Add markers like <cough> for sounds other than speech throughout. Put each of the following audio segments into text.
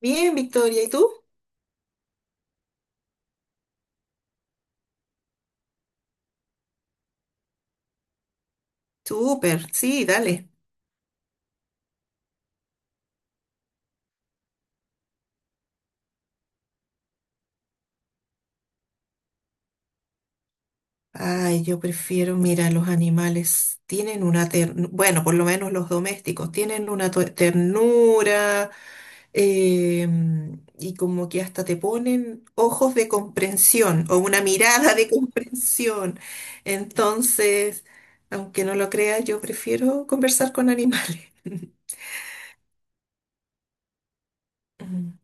Bien, Victoria, ¿y tú? Súper, sí, dale. Ay, yo prefiero, mira, los animales tienen una ternura, bueno, por lo menos los domésticos, tienen una ternura y como que hasta te ponen ojos de comprensión o una mirada de <laughs> comprensión. Entonces, aunque no lo creas, yo prefiero conversar con animales. <laughs> Mm,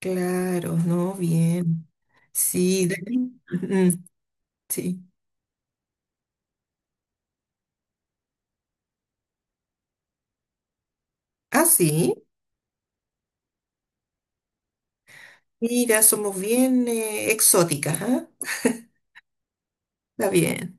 claro, ¿no? Bien. Sí, Dani. Ujú. <laughs> Sí. Ah, sí. Mira, somos bien exóticas, ¿ah? Está bien.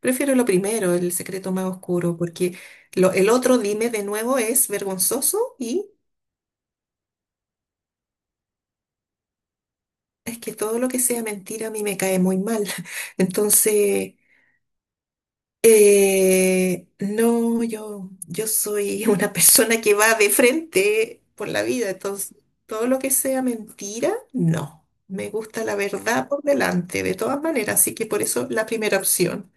Prefiero lo primero, el secreto más oscuro, porque el otro, dime de nuevo, es vergonzoso y es que todo lo que sea mentira a mí me cae muy mal. <laughs> Entonces, no, yo soy <laughs> una persona que va de frente por la vida, entonces todo lo que sea mentira, no. Me gusta la verdad por delante, de todas maneras, así que por eso la primera opción.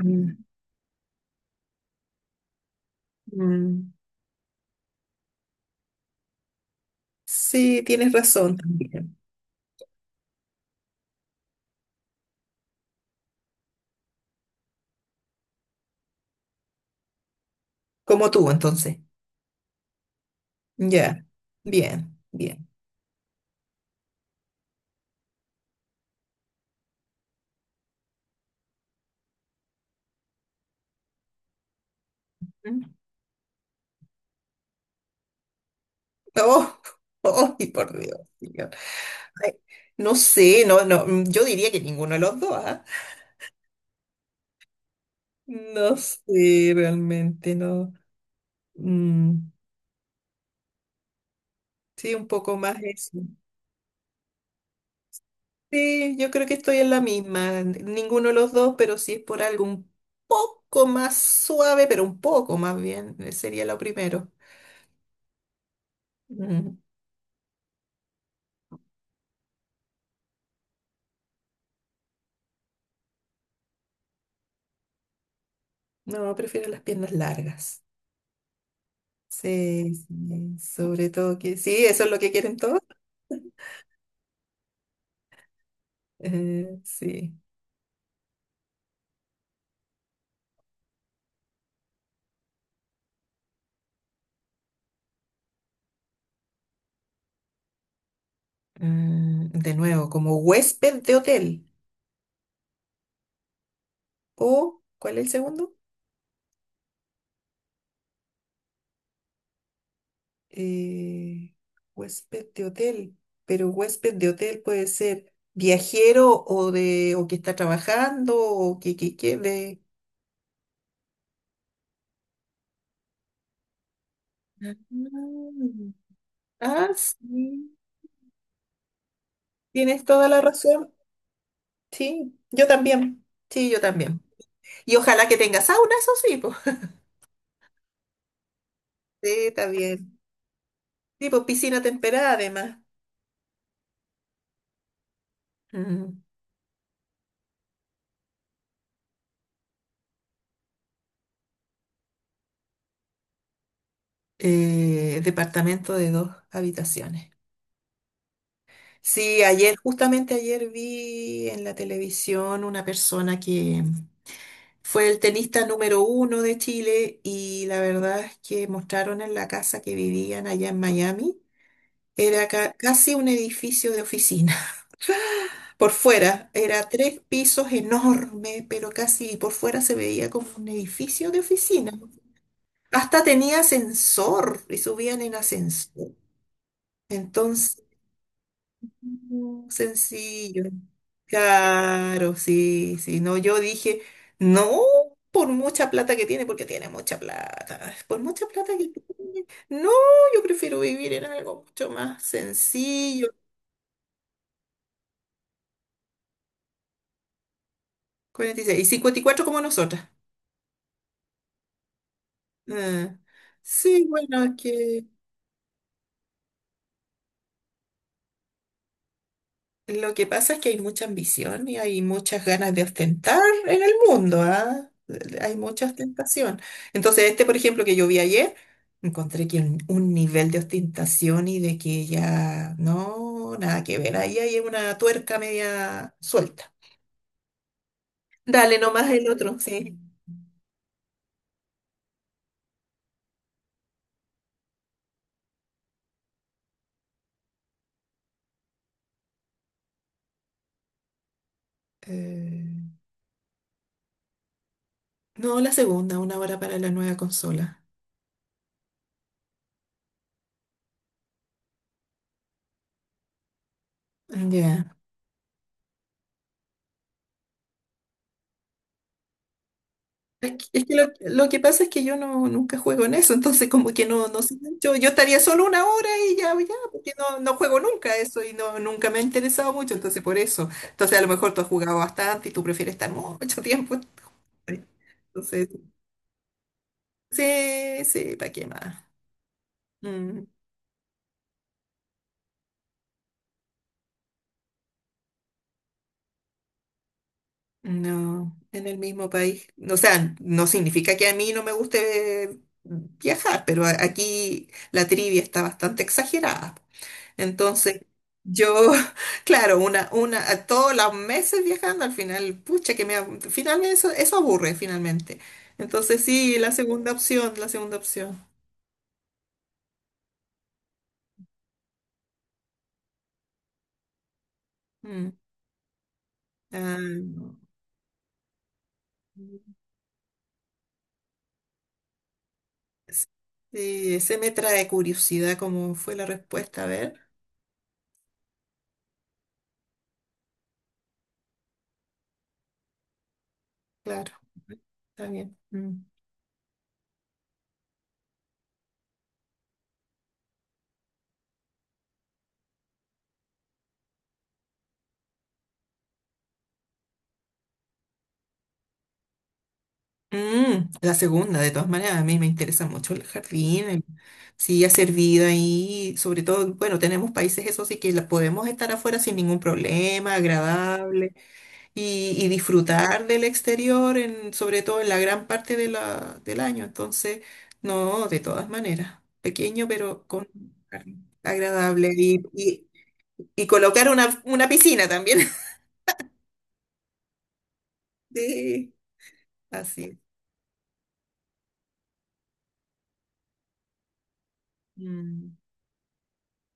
Mm. Mm, sí, tienes razón también. Como tú, entonces. Ya. Bien, bien. Mm. Oh, <laughs> oh, y por Dios, señor. Ay, no sé, no, no, yo diría que ninguno de los dos, ¿ah? No sé, realmente no. Mm, sí, un poco más eso. Sí, yo creo que estoy en la misma. Ninguno de los dos, pero sí es por algo un poco más suave, pero un poco más bien, sería lo primero. Mm, no, prefiero las piernas largas. Sí, sí, sobre todo que sí, eso es lo que quieren todos. Sí. De nuevo, como huésped de hotel. O, ¿cuál es el segundo? Eh, huésped de hotel. Pero huésped de hotel puede ser viajero o de o que está trabajando o que de. Ah, ah, sí. Tienes toda la razón. Sí, yo también. Sí, yo también. Y ojalá que tenga sauna, eso sí, pues. <laughs> Sí, está bien. Tipo piscina temperada además. Mm. Departamento de dos habitaciones. Sí, ayer, justamente ayer vi en la televisión una persona que fue el tenista número uno de Chile y la verdad es que mostraron en la casa que vivían allá en Miami. Era casi un edificio de oficina. <laughs> Por fuera, era tres pisos enorme, pero casi por fuera se veía como un edificio de oficina. Hasta tenía ascensor y subían en ascensor. Entonces, no, sencillo. Claro, sí, sí. No, yo dije, no, por mucha plata que tiene, porque tiene mucha plata. Por mucha plata que tiene. No, yo prefiero vivir en algo mucho más sencillo. 46. Y seis y 54 como nosotras. Ah, sí, bueno, es que Lo que pasa es que hay mucha ambición y hay muchas ganas de ostentar en el mundo, ¿ah? Hay mucha ostentación. Entonces, este, por ejemplo, que yo vi ayer, encontré que un nivel de ostentación y de que ya no, nada que ver. Ahí hay una tuerca media suelta. Dale nomás el otro, sí. Eh, no, la segunda, una hora para la nueva consola. Ya. Es que lo que pasa es que yo no, nunca juego en eso, entonces como que no, no sé, yo estaría solo una hora y ya, ya, porque no, no juego nunca eso y no, nunca me ha interesado mucho, entonces por eso. Entonces a lo mejor tú has jugado bastante y tú prefieres estar mucho <laughs> tiempo. Entonces, sí, sí, ¿para qué más? Mm, no, en el mismo país. O sea, no significa que a mí no me guste viajar, pero aquí la trivia está bastante exagerada. Entonces, yo, <laughs> claro, a todos los meses viajando, al final, pucha, finalmente eso aburre, finalmente. Entonces, sí, la segunda opción, la segunda opción. Mm. Ah, no. Sí, se me trae curiosidad cómo fue la respuesta, a ver, claro, está bien. Mm. La segunda, de todas maneras, a mí me interesa mucho el jardín, sí hacer vida ahí, sobre todo, bueno, tenemos países eso sí que podemos estar afuera sin ningún problema, agradable, y disfrutar del exterior, sobre todo en la gran parte del año, entonces, no, de todas maneras, pequeño pero con jardín agradable, y colocar una piscina también, <laughs> sí, así, mm,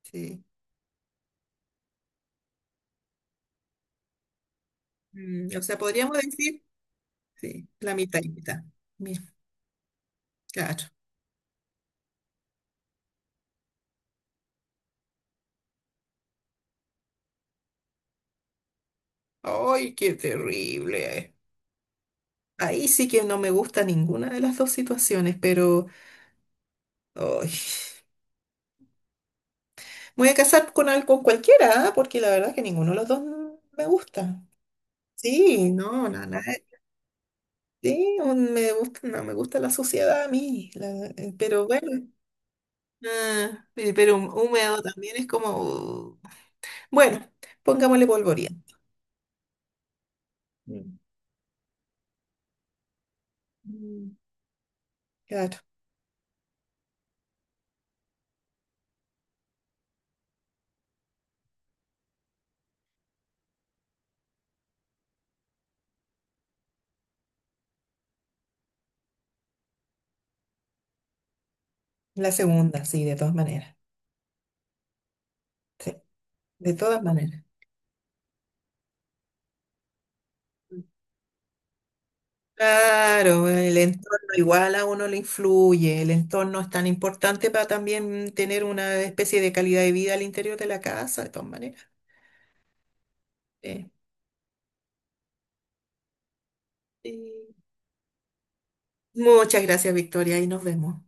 sí. O sea, podríamos decir. Sí, la mitad y mitad. Mira, claro. ¡Ay, qué terrible! Ahí sí que no me gusta ninguna de las dos situaciones, pero ay, me voy a casar con cualquiera, ¿ah? Porque la verdad que ninguno de los dos me gusta. Sí, no, nada. Sí, me gusta, no me gusta la suciedad a mí, pero bueno. Pero húmedo también es como. Bueno, pongámosle polvoriento. Mm. Mm, claro, la segunda, sí, de todas maneras. Sí. De todas maneras. Claro, bueno, el entorno igual a uno le influye, el entorno es tan importante para también tener una especie de calidad de vida al interior de la casa, de todas maneras. Sí. Sí. Muchas gracias, Victoria, y nos vemos.